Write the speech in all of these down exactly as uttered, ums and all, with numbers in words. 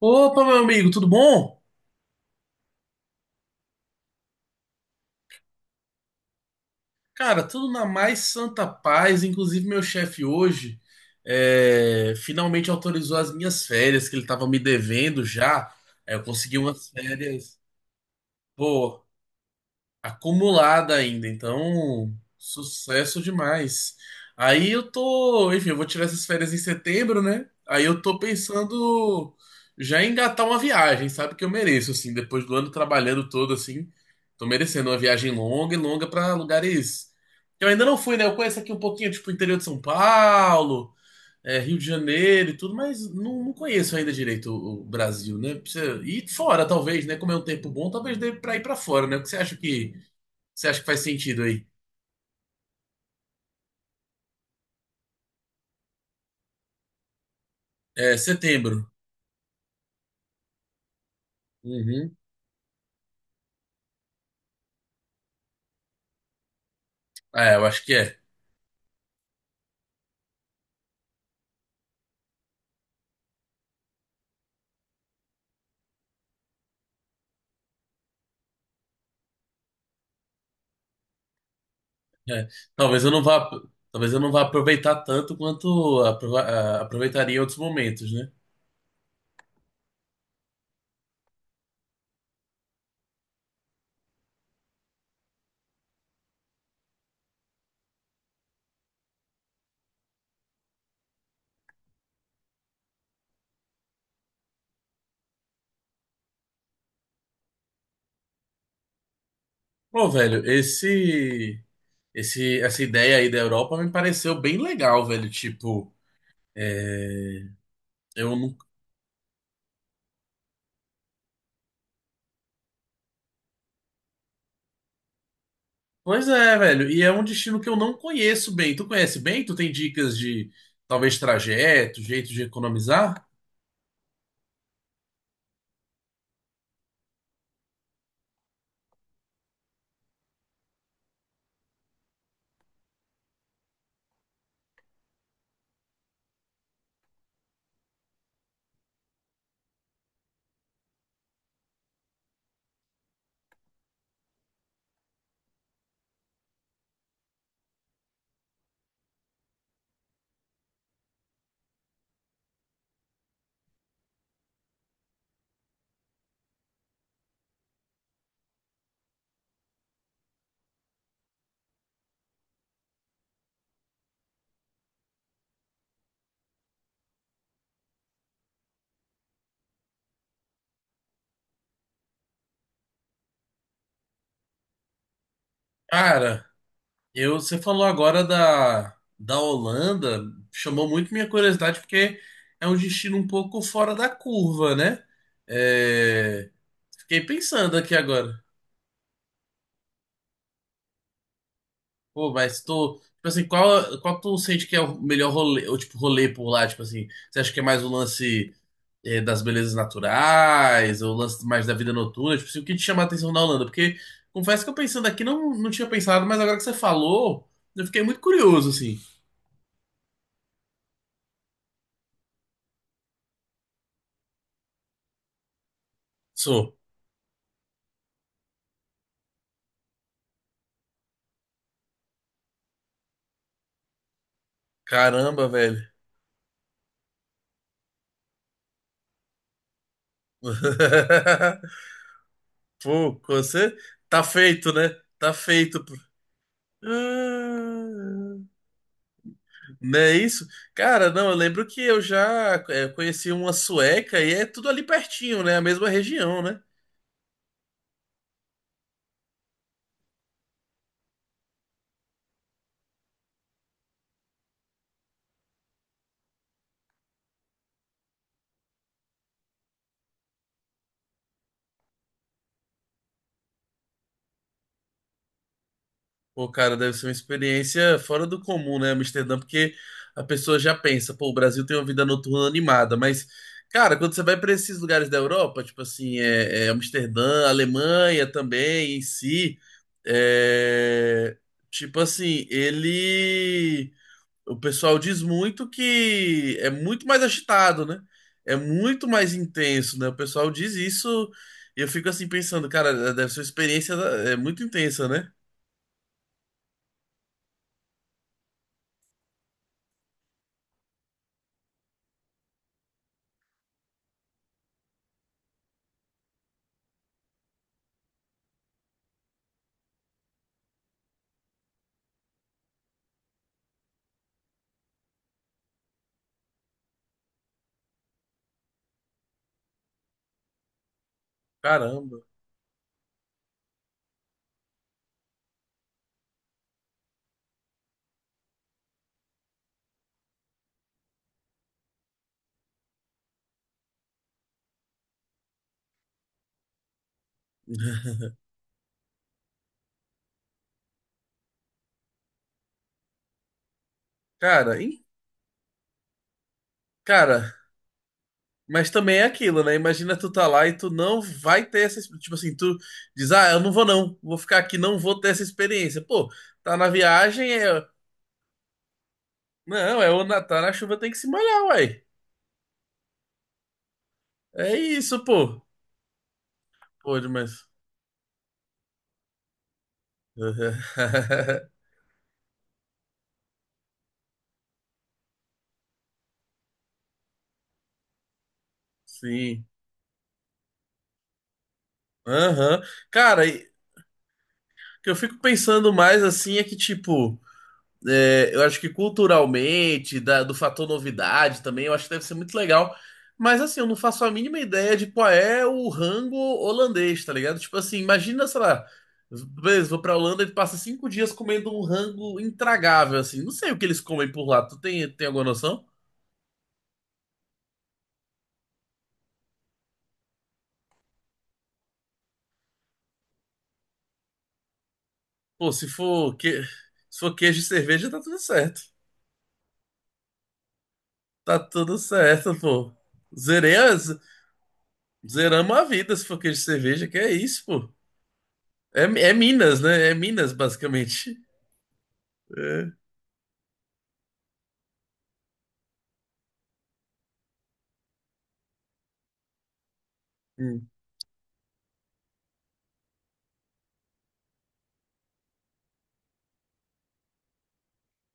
Opa, meu amigo, tudo bom? Cara, tudo na mais santa paz. Inclusive, meu chefe hoje é, finalmente autorizou as minhas férias, que ele estava me devendo já. Aí eu consegui umas férias. Pô, acumulada ainda, então sucesso demais. Aí eu tô, enfim, eu vou tirar essas férias em setembro, né? Aí eu tô pensando já em engatar uma viagem, sabe que eu mereço assim, depois do ano trabalhando todo assim, tô merecendo uma viagem longa e longa pra lugares que eu ainda não fui, né? Eu conheço aqui um pouquinho, tipo, o interior de São Paulo, é, Rio de Janeiro e tudo, mas não, não conheço ainda direito o, o Brasil, né? Precisa ir fora, talvez, né? Como é um tempo bom, talvez dê pra ir pra fora, né? O que você acha que você acha que faz sentido aí? É setembro. Uhum. É, eu acho que é. É. Talvez eu não vá, talvez eu não vá aproveitar tanto quanto aprova- ah, aproveitaria em outros momentos, né? Pô, velho, esse, esse, essa ideia aí da Europa me pareceu bem legal, velho. Tipo, é, eu não. Pois é, velho. E é um destino que eu não conheço bem. Tu conhece bem? Tu tem dicas de talvez trajeto, jeito de economizar? Cara. Eu, você falou agora da, da Holanda, chamou muito minha curiosidade porque é um destino um pouco fora da curva, né? É, fiquei pensando aqui agora. Pô, mas tô, tipo assim, qual, qual tu sente que é o melhor rolê, ou tipo rolê por lá, tipo assim, você acha que é mais o lance é, das belezas naturais, ou o lance mais da vida noturna, tipo assim, o que te chama a atenção na Holanda? Porque confesso que eu pensando aqui não, não tinha pensado, mas agora que você falou, eu fiquei muito curioso assim. Sou. Caramba, velho. Pô, você tá feito, né? Tá feito, pô. Ah, não é isso? Cara, não, eu lembro que eu já é, conheci uma sueca e é tudo ali pertinho, né? A mesma região, né? Pô, cara, deve ser uma experiência fora do comum, né, Amsterdã? Porque a pessoa já pensa, pô, o Brasil tem uma vida noturna animada, mas, cara, quando você vai para esses lugares da Europa, tipo assim, é, é Amsterdã, Alemanha também, em si, é, tipo assim, ele, o pessoal diz muito que é muito mais agitado, né? É muito mais intenso, né? O pessoal diz isso e eu fico assim pensando, cara, deve ser uma experiência é muito intensa, né? Caramba. Cara, hein? Cara, mas também é aquilo, né? Imagina tu tá lá e tu não vai ter essa, ex- tipo assim, tu diz: "Ah, eu não vou não, vou ficar aqui, não vou ter essa experiência". Pô, tá na viagem, é, não, é o Natal, na chuva tem que se molhar, uai. É isso, pô. Pô, mas Sim. Aham. Cara, e- o que eu fico pensando mais assim é que tipo é, eu acho que culturalmente, da- do fator novidade também, eu acho que deve ser muito legal. Mas assim, eu não faço a mínima ideia de qual é o rango holandês, tá ligado? Tipo assim, imagina, sei lá, beleza, vou pra Holanda e passa cinco dias comendo um rango intragável, assim. Não sei o que eles comem por lá. Tu tem, tem alguma noção? Pô, se for, que... se for queijo e cerveja, tá tudo certo. Tá tudo certo, pô. Zerei as... Zeramos a vida se for queijo e cerveja, que é isso, pô. É, é Minas, né? É Minas, basicamente. É. Hum.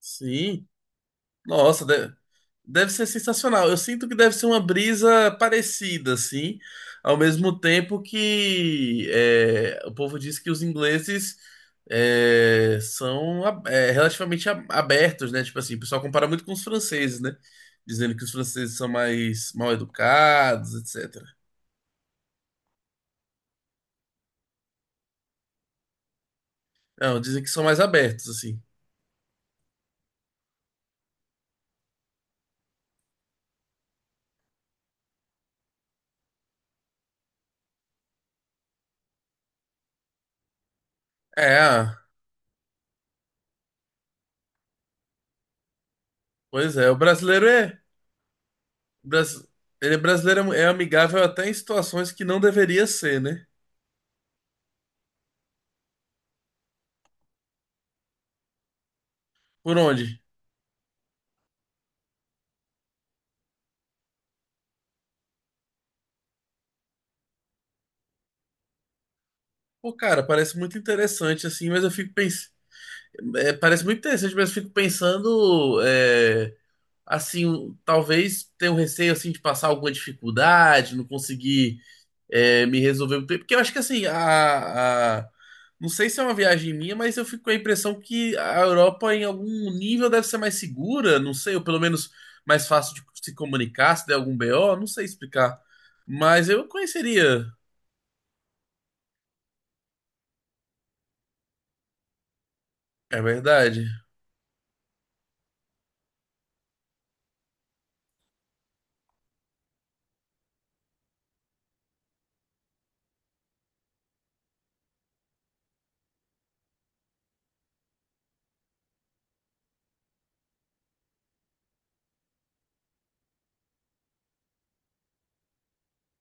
Sim. Nossa, deve, deve ser sensacional. Eu sinto que deve ser uma brisa parecida, assim, ao mesmo tempo que é, o povo diz que os ingleses é, são a- é, relativamente a- abertos, né? Tipo assim, o pessoal compara muito com os franceses, né? Dizendo que os franceses são mais mal educados, etcétera. Não, dizem que são mais abertos, assim. É, ah, pois é, o brasileiro é. Bras... Ele é brasileiro é amigável até em situações que não deveria ser, né? Por onde? Pô, cara, parece muito interessante, assim, mas eu fico pensando. Parece muito interessante, mas eu fico pensando, é, assim, um- talvez tenha um receio, assim, de passar alguma dificuldade, não conseguir é, me resolveu muito bem. Porque eu acho que assim, a, a- não sei se é uma viagem minha, mas eu fico com a impressão que a Europa, em algum nível, deve ser mais segura, não sei, ou pelo menos mais fácil de se comunicar, se der algum B O, não sei explicar. Mas eu conheceria. É verdade.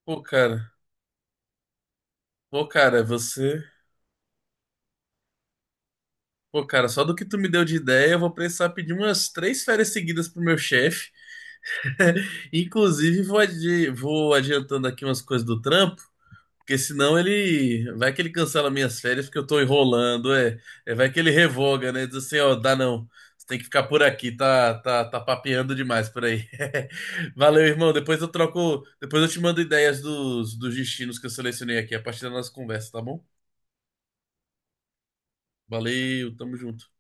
Pô, cara, pô, cara, você. Pô, cara, só do que tu me deu de ideia, eu vou precisar pedir umas três férias seguidas pro meu chefe. Inclusive, vou, adi- vou adiantando aqui umas coisas do trampo. Porque senão ele. Vai que ele cancela minhas férias porque eu tô enrolando, é. É, vai que ele revoga, né? Diz assim, ó, dá não. Você tem que ficar por aqui, tá, tá, tá papeando demais por aí. Valeu, irmão. Depois eu troco. Depois eu te mando ideias dos, dos destinos que eu selecionei aqui a partir da nossa conversa, tá bom? Valeu, tamo junto.